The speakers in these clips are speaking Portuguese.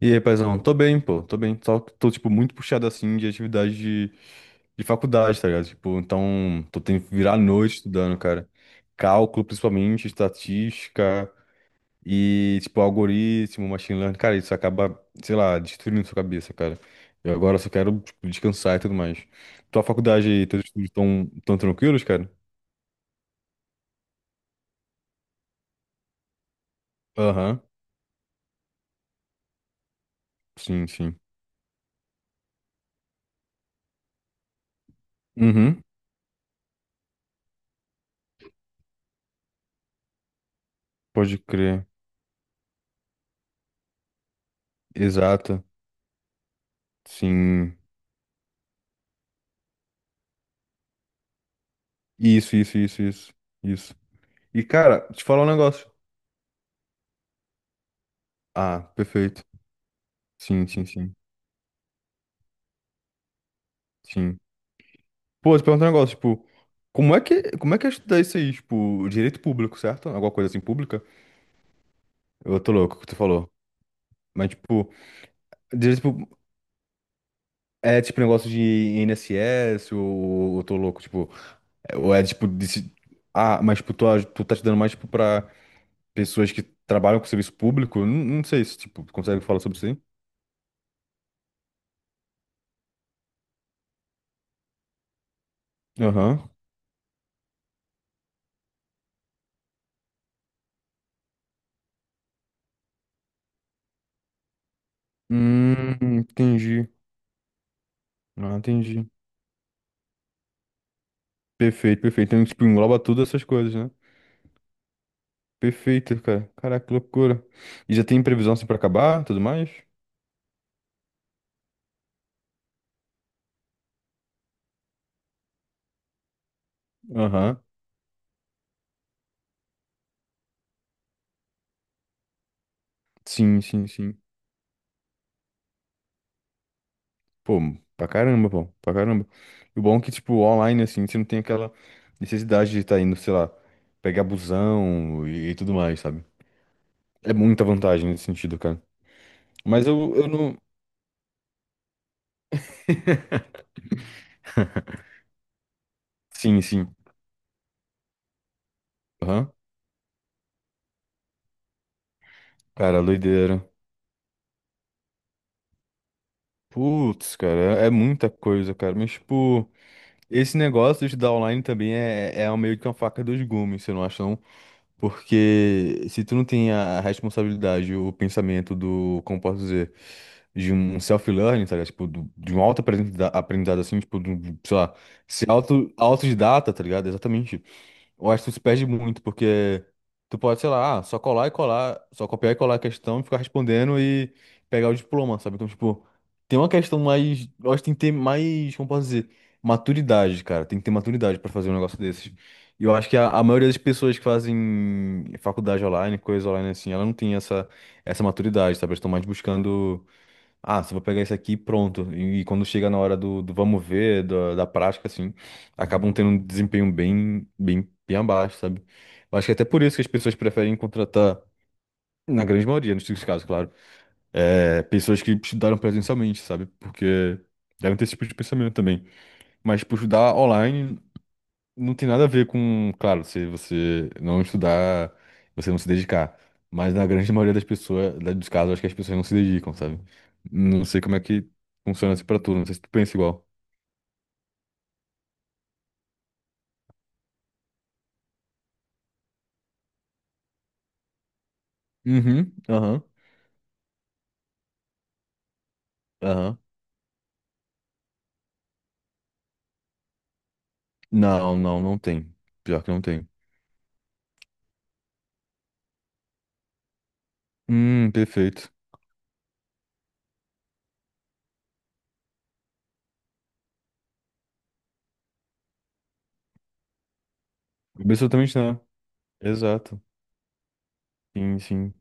E aí, paizão, tô bem, pô, tô bem. Só que tô, tipo, muito puxado, assim, de atividade de faculdade, tá ligado? Tipo, então, tô tendo que virar a noite estudando, cara. Cálculo, principalmente, estatística e, tipo, algoritmo, machine learning. Cara, isso acaba, sei lá, destruindo sua cabeça, cara. Eu agora só quero, tipo, descansar e tudo mais. Tua faculdade e teus estudos tão tranquilos, cara? Aham. Sim, sim. Uhum, pode crer. Exata, sim. Isso, isso, isso, isso. Isso. E, cara, te falar um negócio. Ah, perfeito. Sim, sim, sim. Sim. Pô, te perguntar um negócio, tipo, como é que é estudar isso aí? Tipo, direito público, certo? Alguma coisa assim, pública? Eu tô louco que tu falou. Mas, tipo, direito público é tipo negócio de INSS ou eu tô louco, tipo, ou é tipo. Ah, mas, tipo, tu tá estudando mais, tipo, pra pessoas que trabalham com serviço público? Não, não sei se, tipo, tu consegue falar sobre isso aí? Aham. Entendi. Ah, entendi. Perfeito, perfeito. Então, tipo, engloba tudo essas coisas, né? Perfeito, cara. Caraca, que loucura. E já tem previsão assim pra acabar, tudo mais? Aham. Sim, sim, sim. Pô, pra caramba, pô. Pra caramba. E o bom é que, tipo, online, assim, você não tem aquela necessidade de estar indo, sei lá, pegar busão e tudo mais, sabe? É muita vantagem nesse sentido, cara. Mas eu não. Sim, sim. Aham. Cara, doideira. Putz, cara, é muita coisa, cara. Mas, tipo. Esse negócio de estudar online também é um meio que uma faca dos gumes, você não acha não? Porque se tu não tem a responsabilidade, o pensamento do, como posso dizer, de um self-learning, tá ligado? Tipo, de um auto-aprendizado assim, tipo, do, sei lá, ser autodidata, tá ligado? Exatamente. Eu acho que tu se perde muito, porque tu pode, sei lá, ah, só copiar e colar a questão e ficar respondendo e pegar o diploma, sabe? Então, tipo, tem uma questão mais. Eu acho que tem que ter mais, como posso dizer, maturidade, cara. Tem que ter maturidade pra fazer um negócio desses. E eu acho que a maioria das pessoas que fazem faculdade online, coisa online assim, ela não tem essa maturidade, sabe? Elas estão mais buscando. Ah, se vou pegar isso aqui, e pronto. E quando chega na hora do vamos ver, da prática, assim, acabam tendo um desempenho bem, bem, bem abaixo, sabe? Eu acho que é até por isso que as pessoas preferem contratar, na grande maioria, nos seus casos, claro, é, pessoas que estudaram presencialmente, sabe? Porque devem ter esse tipo de pensamento também. Mas, por estudar online, não tem nada a ver com, claro, se você não estudar, você não se dedicar. Mas na grande maioria das pessoas, dos casos, acho que as pessoas não se dedicam, sabe? Não sei como é que funciona isso pra tu, não sei se tu pensa igual. Uhum, aham, aham. Não, não, não tem. Pior que não tem. Perfeito. Absolutamente não. Exato. Sim, sim,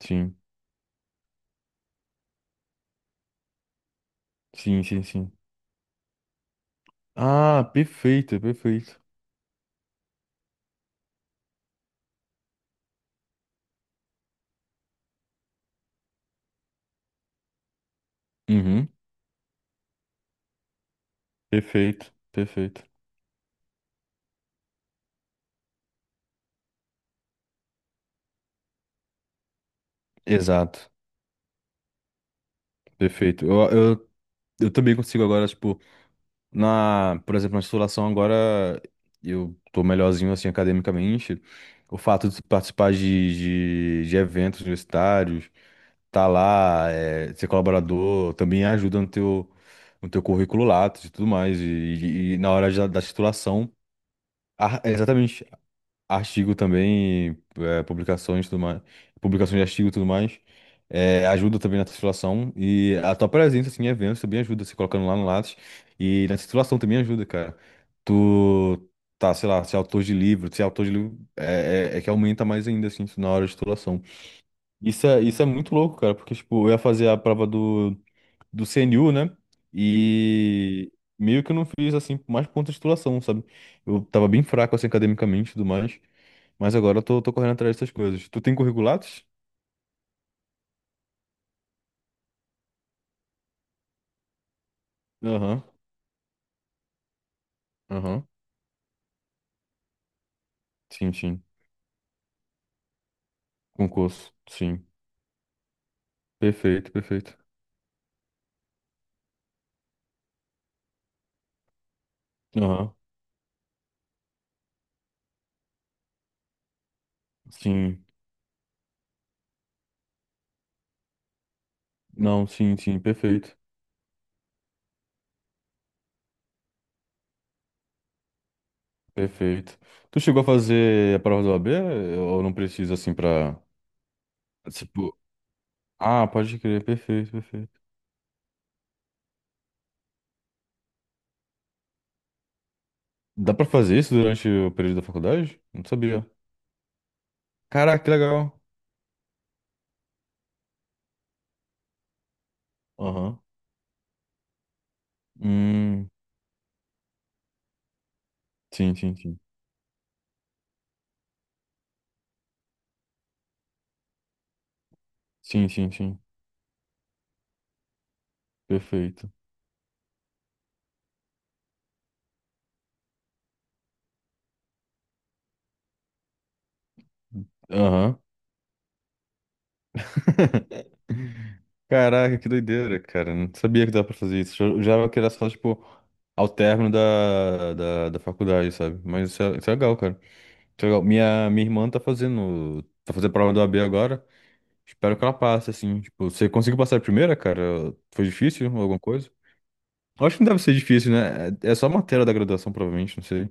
sim. Sim, sim, sim. Ah, perfeito, perfeito. Uhum, perfeito, perfeito. Exato, perfeito. Eu também consigo agora, tipo. Por exemplo, na titulação agora eu tô melhorzinho assim academicamente. O fato de participar de eventos universitários, tá lá, é, ser colaborador, também ajuda no teu, currículo Lattes e tudo mais. E na hora da titulação, exatamente, artigo também, é, publicações, tudo mais, publicações de artigo e tudo mais, é, ajuda também na titulação e a tua presença assim, em eventos também ajuda, se colocando lá no Lattes e na titulação também ajuda, cara. Tu tá, sei lá, ser autor de livro, ser autor de livro é, é que aumenta mais ainda, assim, na hora de titulação. Isso é muito louco, cara, porque, tipo, eu ia fazer a prova do CNU, né, e meio que eu não fiz, assim, mais por conta de titulação, sabe? Eu tava bem fraco, assim, academicamente e tudo mais. Mas agora eu tô correndo atrás dessas coisas. Tu tem curriculatos? Aham, aham. Sim, sim. Concurso, sim. Perfeito, perfeito. Aham, sim. Não, sim, sim, perfeito. Perfeito. Tu chegou a fazer a prova do OAB ou não precisa assim pra. Tipo. Ah, pode crer, perfeito, perfeito. Dá pra fazer isso durante o período da faculdade? Não sabia. Caraca, que legal. Aham. Hum. Sim, sim, sim. Sim, sim, sim. Perfeito. Aham. Caraca, que doideira, cara. Não sabia que dava pra fazer isso. Eu já que era só, tipo, ao término da faculdade, sabe? Mas isso é legal, cara. Isso é legal. Minha irmã tá fazendo. Tá fazendo a prova do AB agora. Espero que ela passe, assim. Tipo, você conseguiu passar a primeira, cara? Foi difícil ou alguma coisa? Eu acho que não deve ser difícil, né? É só matéria da graduação, provavelmente, não sei.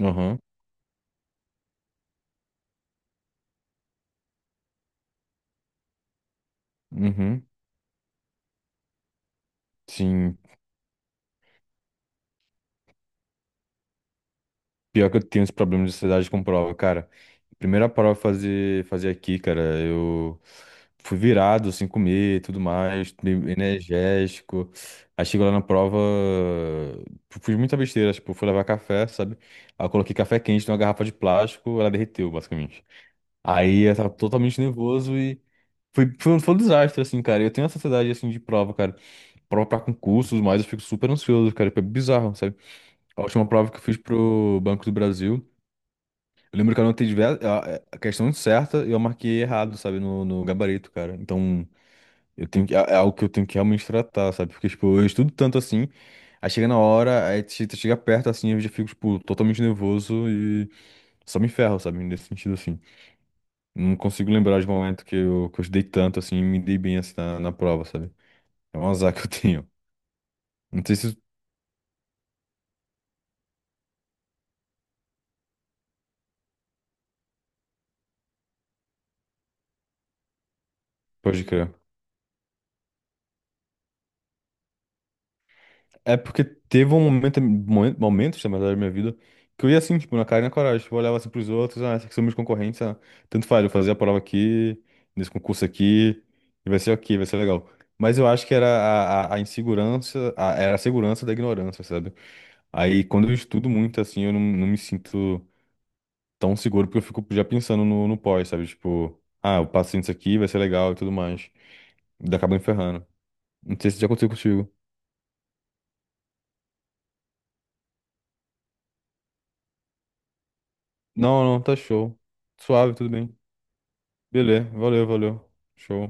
Aham. Uhum. Sim, pior que eu tenho esse problema de ansiedade com prova, cara. Primeira prova que eu fazer aqui, cara, eu fui virado, sem comer, e tudo mais, meio energético. Aí chegou lá na prova, eu fiz muita besteira, tipo, fui levar café, sabe? Aí eu coloquei café quente numa garrafa de plástico, ela derreteu, basicamente. Aí eu tava totalmente nervoso e foi um desastre, assim, cara. Eu tenho essa ansiedade, assim, de prova, cara. Prova pra concursos, mas eu fico super ansioso, cara. Foi bizarro, sabe? A última prova que eu fiz pro Banco do Brasil. Eu lembro que eu anotei diversas, a questão certa e eu marquei errado, sabe, no gabarito, cara. Então, eu tenho que, é algo que eu tenho que realmente tratar, sabe? Porque, tipo, eu estudo tanto assim, aí chega na hora, aí chega perto assim, eu já fico, tipo, totalmente nervoso e só me ferro, sabe? Nesse sentido, assim. Não consigo lembrar de momento que eu, estudei tanto assim e me dei bem assim na prova, sabe? É um azar que eu tenho. Não sei se pode crer. É porque teve um momento, momentos, na verdade, da minha vida, que eu ia assim, tipo, na cara e na coragem. Tipo, eu olhava assim pros outros, ah, esses aqui são meus concorrentes, ah, tanto faz, eu fazia a prova aqui, nesse concurso aqui, e vai ser ok, vai ser legal. Mas eu acho que era a insegurança, era a segurança da ignorância, sabe? Aí quando eu estudo muito, assim, eu não me sinto tão seguro, porque eu fico já pensando no pós, sabe? Tipo, ah, eu passei nisso aqui, vai ser legal e tudo mais. E acaba me ferrando. Não sei se já aconteceu contigo. Não, não, tá show. Suave, tudo bem. Beleza, valeu, valeu. Show.